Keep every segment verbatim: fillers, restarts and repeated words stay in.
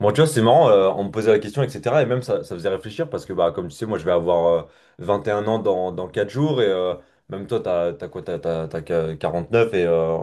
Bon, tu vois, c'est marrant, euh, on me posait la question, et cetera. Et même ça, ça faisait réfléchir parce que, bah, comme tu sais, moi, je vais avoir euh, vingt et un ans dans, dans quatre jours. Et euh, même toi, t'as, t'as quoi? T'as, t'as- t'as qu- quarante-neuf et, euh,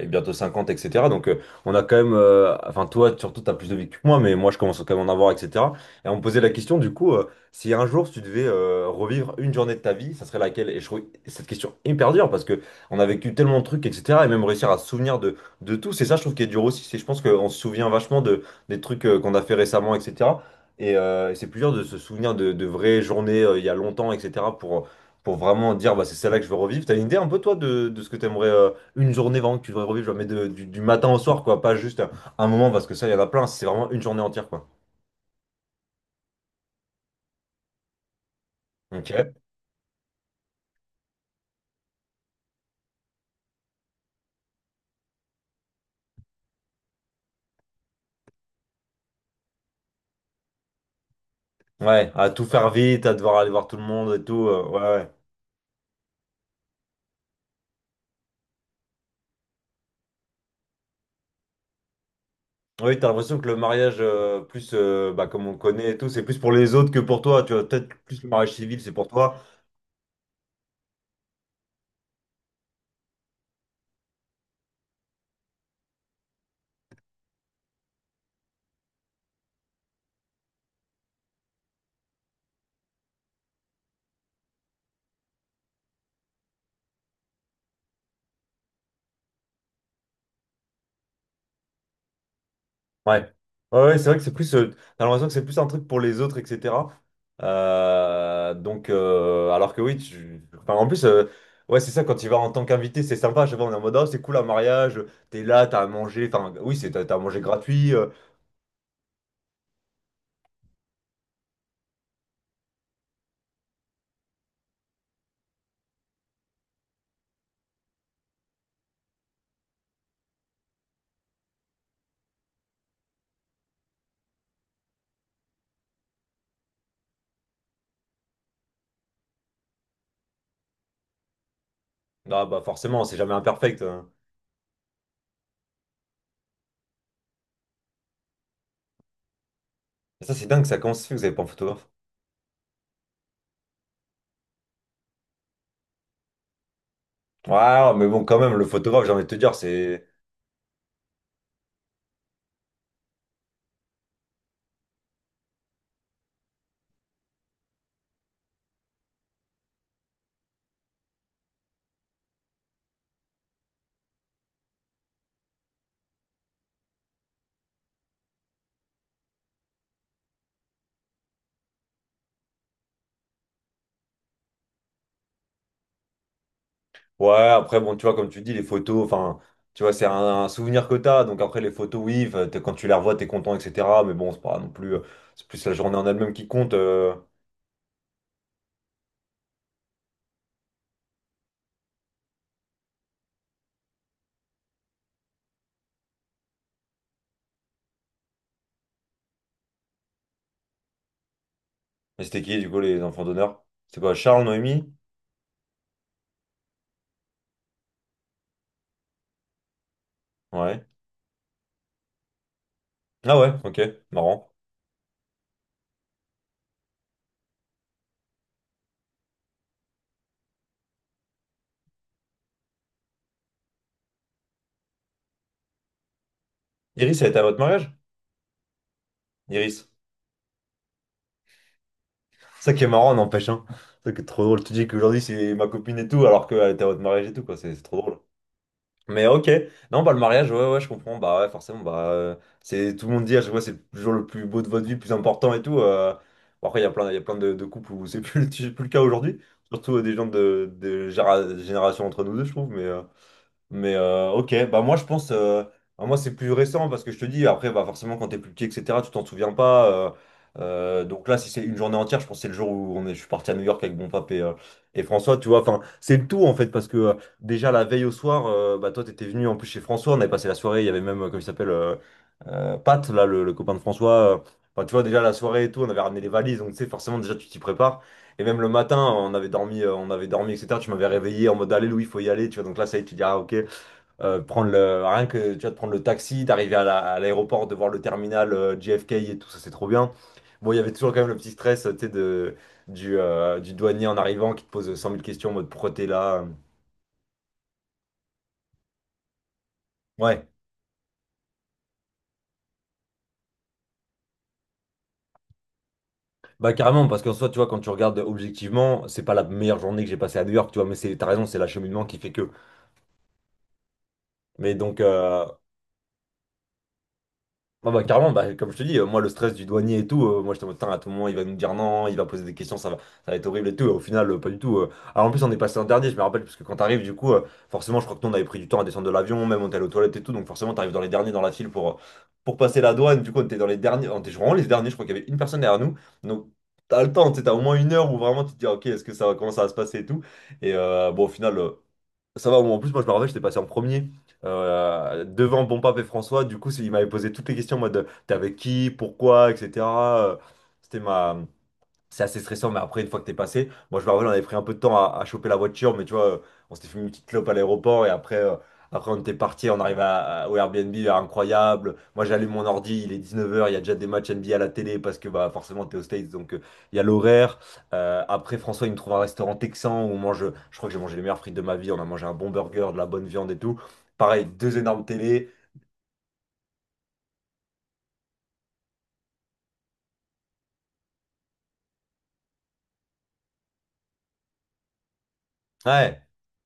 et bientôt cinquante, et cetera. Donc, euh, on a quand même, euh, enfin, toi, surtout, t'as plus de vie que moi, mais moi, je commence à quand même à en avoir, et cetera. Et on me posait la question, du coup, euh, si un jour, si tu devais euh, revivre une journée de ta vie, ça serait laquelle? Et je trouve cette question hyper dure parce que on a vécu tellement de trucs, et cetera. Et même réussir à se souvenir de, de tout, c'est ça, je trouve, qui est dur aussi. C'est, je pense qu'on se souvient vachement de des trucs euh, qu'on a fait récemment, et cetera. Et euh, c'est plus dur de se souvenir de, de vraies journées euh, il y a longtemps, et cetera, pour, pour vraiment dire bah, c'est celle-là que je veux revivre. T'as une idée un peu, toi, de, de ce que t'aimerais, euh, une journée vraiment que tu devrais revivre, genre, mais de- du, du matin au soir, quoi, pas juste un, un moment, parce que ça, il y en a plein, c'est vraiment une journée entière, quoi. Ok. Ouais, à tout faire vite, à devoir aller voir tout le monde et tout, euh, ouais, ouais. Oui, t'as l'impression que le mariage, euh, plus euh, bah, comme on connaît et tout, c'est plus pour les autres que pour toi. Tu vois, peut-être plus le mariage civil, c'est pour toi. Ouais. Ouais, ouais, c'est vrai que c'est plus, euh, t'as l'impression que c'est plus un truc pour les autres, et cetera. Euh, donc, euh, alors que oui, tu, enfin, en plus, euh, ouais, c'est ça, quand tu vas en tant qu'invité, c'est sympa. Je sais pas, on est en mode, ah, c'est cool un mariage, t'es là, t'as à manger, enfin, oui, c'est, t'as t'as à manger gratuit. euh. Ah, bah, forcément, c'est jamais imperfect, hein. Ça, c'est dingue, ça, comment ça se fait que vous avez pas un photographe? Ouais, mais bon, quand même, le photographe, j'ai envie de te dire, c'est... Ouais, après, bon, tu vois, comme tu dis, les photos, enfin, tu vois, c'est un, un souvenir que t'as. Donc après, les photos, oui, f- t'es- quand tu les revois, t'es content, et cetera. Mais bon, c'est pas non plus, euh, c'est plus la journée en elle-même qui compte. euh. Mais c'était qui, du coup, les enfants d'honneur? C'est quoi, Charles, Noémie? Ouais. Ah ouais, ok, marrant. Iris, elle était à votre mariage? Iris. Ça qui est marrant, n'empêche, hein. Ça qui est trop drôle. Tu dis qu'aujourd'hui, c'est ma copine et tout, alors qu'elle était à votre mariage et tout, quoi. C'est c'est trop drôle. Mais ok, non, bah le mariage, ouais, ouais, je comprends, bah ouais, forcément, bah euh, c'est, tout le monde dit, je vois, c'est toujours le plus beau de votre vie, le plus important et tout. euh. Bon, après, il y a plein, il y a plein de, de couples où c'est plus, le- plus le cas aujourd'hui, surtout euh, des gens de, de géra- génération entre nous deux, je trouve, mais. euh. Mais euh, ok, bah moi je pense, euh, bah, moi c'est plus récent parce que je te dis, après bah forcément quand t'es plus petit, et cetera, tu t'en souviens pas. Euh, euh, donc là, si c'est une journée entière, je pense que c'est le jour où on est, je suis parti à New York avec mon pape et, euh, et François, tu vois. Enfin, c'est le tout en fait parce que euh, déjà la veille au soir, euh, bah toi t'étais venu en plus chez François, on avait passé la soirée, il y avait même, euh, comment il s'appelle, euh, euh, Pat, là le, le copain de François. euh, Enfin, tu vois, déjà la soirée et tout, on avait ramené les valises, donc tu sais, forcément, déjà tu t'y prépares. Et même le matin, on avait dormi, euh, on avait dormi, et cetera. Tu m'avais réveillé en mode, allez, Louis, faut y aller, tu vois. Donc là, ça y est, tu dis, ah, ok. Euh, prendre le, rien que tu vois, de prendre le taxi, d'arriver à la- à l'aéroport, de voir le terminal euh, J F K et tout ça, c'est trop bien. Bon, il y avait toujours quand même le petit stress, euh, tu sais, de, du, euh, du douanier en arrivant qui te pose cent mille questions en mode, pourquoi t'es là? Ouais, bah carrément, parce qu'en soi, tu vois, quand tu regardes objectivement, c'est pas la meilleure journée que j'ai passée à New York, tu vois, mais c'est, t'as raison, c'est l'acheminement qui fait que. Mais donc, euh, ah bah carrément, bah, comme je te dis, euh, moi le stress du douanier et tout, euh, moi j'étais en mode, putain, à tout moment il va nous dire non, il va poser des questions, ça va, ça va être horrible et tout. Et au final euh, pas du tout. euh. Alors en plus, on est passé en dernier, je me rappelle, parce que quand t'arrives du coup, euh, forcément je crois que nous on avait pris du temps à descendre de l'avion, même on était allé aux toilettes et tout, donc forcément t'arrives dans les derniers dans la file pour, euh, pour passer la douane, du coup on était dans les derniers, on était vraiment les derniers, je crois qu'il y avait une personne derrière nous, donc t'as le temps, tu sais, t'as au moins une heure où vraiment tu te dis, ah, ok, est-ce que ça va, comment ça va se passer et tout, et euh, bon au final... euh, ça va. En plus, moi je me rappelle, j'étais passé en premier, euh, devant Bon Pape et François. Du coup, c'est- il m'avait posé toutes les questions en mode, euh, t'es avec qui, pourquoi, et cetera. Euh, C'était ma, c'est assez stressant, mais après, une fois que t'es passé, moi je me rappelle, on avait pris un peu de temps à, à choper la voiture, mais tu vois, euh, on s'était fait une petite clope à l'aéroport et après, euh, après on était parti, on arrive à- à- au Airbnb, euh, incroyable. Moi j'allume mon ordi, il est dix-neuf heures, il y a déjà des matchs N B A à la télé parce que bah, forcément t'es aux States, donc euh, il y a l'horaire. Euh, après, François, il me trouve un restaurant texan où on mange, je crois que j'ai mangé les meilleures frites de ma vie, on a mangé un bon burger, de la bonne viande et tout. Pareil, deux énormes télés. Ouais.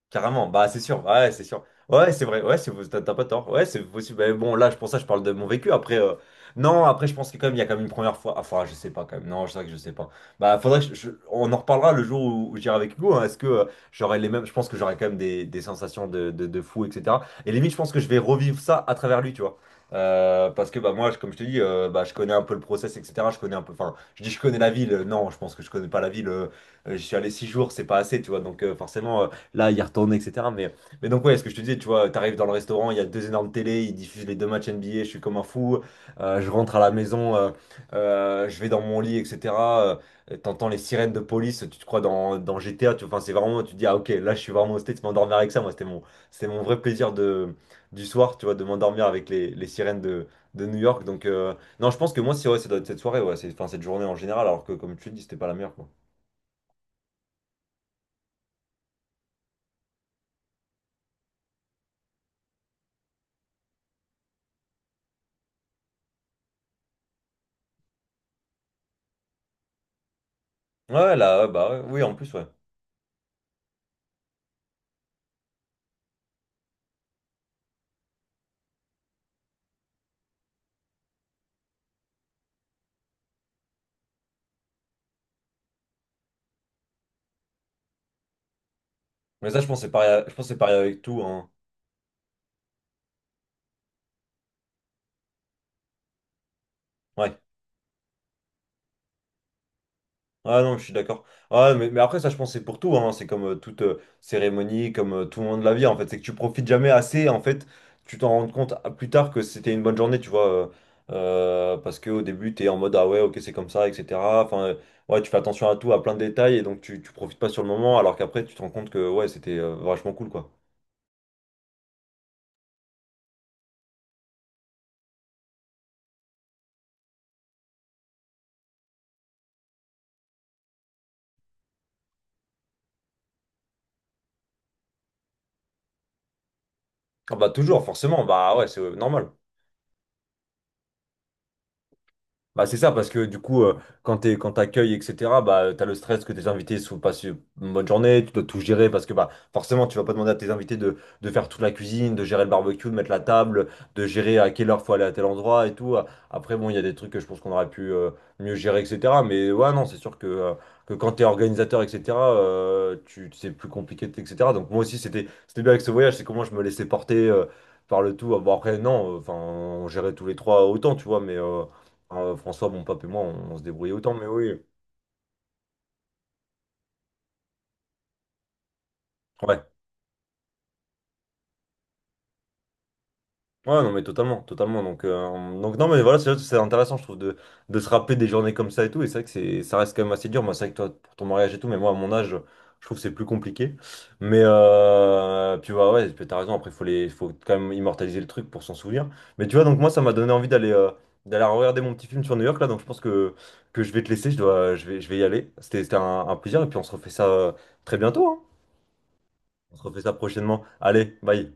Carrément, bah c'est sûr, ouais, c'est sûr. Ouais, c'est vrai, ouais, c'est, t'as t'as pas tort. Ouais, c'est possible. Mais bon, là, je- pour ça, je parle de mon vécu. Après, euh, non, après, je pense que quand même, il y a quand même une première fois. Enfin, je sais pas quand même. Non, je sais que je sais pas. Bah, faudrait que je- je- on en reparlera le jour où, où j'irai avec Hugo, hein. Est-ce que euh, j'aurai les mêmes. Je pense que j'aurai quand même des, des sensations de, de, de fou, et cetera. Et limite, je pense que je vais revivre ça à travers lui, tu vois. Euh, parce que bah moi je- comme je te dis euh, bah je connais un peu le process, etc., je connais un peu, enfin, je dis je connais la ville, non je pense que je connais pas la ville, euh, j'y suis allé six jours, c'est pas assez, tu vois, donc euh, forcément. Là, y retourner, et cetera. Mais, mais, donc, ouais, ce que je te disais, tu vois, t'arrives dans le restaurant, il y a deux énormes télés, ils diffusent les deux matchs N B A, je suis comme un fou. Euh, je rentre à la maison, euh, euh, je vais dans mon lit, et cetera. Euh, t'entends les sirènes de police, tu te crois dans, dans G T A, tu, enfin, c'est vraiment, tu te dis, ah, ok, là, je suis vraiment au States, m'endormir avec ça, moi, c'était mon, c'était mon vrai plaisir de, du soir, tu vois, de m'endormir avec les, les sirènes de, de New York. Donc, euh, non, je pense que moi, c'est, ouais, ça doit être cette soirée, ouais, c'est, enfin, cette journée en général, alors que, comme tu le dis, c'était pas la meilleure, quoi. Ouais, ouais, là, ouais, bah, ouais, oui, en plus, ouais. Mais ça, je pense que c'est pareil, je pense que c'est pareil avec tout, hein. Ouais. Ah non, je suis d'accord. Ah ouais, mais, mais après, ça, je pense que c'est pour tout, hein. C'est comme euh, toute euh, cérémonie, comme euh, tout le monde de la vie, en fait. C'est que tu profites jamais assez. En fait, tu t'en rends compte à- plus tard que c'était une bonne journée, tu vois. Euh, euh, parce qu'au début, t'es en mode, ah ouais, ok, c'est comme ça, et cetera. Enfin, euh, ouais, tu fais attention à tout, à plein de détails, et donc tu, tu profites pas sur le moment, alors qu'après, tu te rends compte que, ouais, c'était euh, vachement cool, quoi. Ah bah, toujours, forcément. Bah ouais, c'est euh, normal. Bah, c'est ça, parce que du coup, euh, quand t'es, quand t'accueilles, et cetera, bah, t'as le stress que tes invités ne passent une bonne journée, tu dois tout gérer, parce que bah, forcément, tu vas pas demander à tes invités de, de faire toute la cuisine, de gérer le barbecue, de mettre la table, de gérer à quelle heure faut aller à tel endroit et tout. euh. Après, bon, il y a des trucs que je pense qu'on aurait pu euh, mieux gérer, et cetera. Mais ouais, non, c'est sûr que, euh, que quand t'es organisateur, et cetera, euh, tu, c'est plus compliqué, et cetera. Donc moi aussi, c'était, c'était bien avec ce voyage, c'est comment je me laissais porter euh, par le tout. Bon, après, non, enfin, on gérait tous les trois autant, tu vois, mais... euh, enfin, Euh, François, bon, pape et moi, on, on se débrouillait autant, mais oui. Ouais. Ouais, non, mais totalement, totalement. Donc, euh, donc non, mais voilà, c'est c'est intéressant, je trouve, de, de se rappeler des journées comme ça et tout. Et c'est vrai que c'est, ça reste quand même assez dur. Moi, c'est vrai que toi, pour ton mariage et tout, mais moi, à mon âge, je trouve que c'est plus compliqué. Mais, euh, puis ouais, ouais, puis t'as raison. Après, il faut les, faut quand même immortaliser le truc pour s'en souvenir. Mais tu vois, donc moi, ça m'a donné envie d'aller euh, d'aller regarder mon petit film sur New York, là. Donc, je pense que, que je vais te laisser. Je dois, je vais, je vais y aller. C'était, c'était un, un plaisir. Et puis, on se refait ça euh, très bientôt, hein. On se refait ça prochainement. Allez, bye.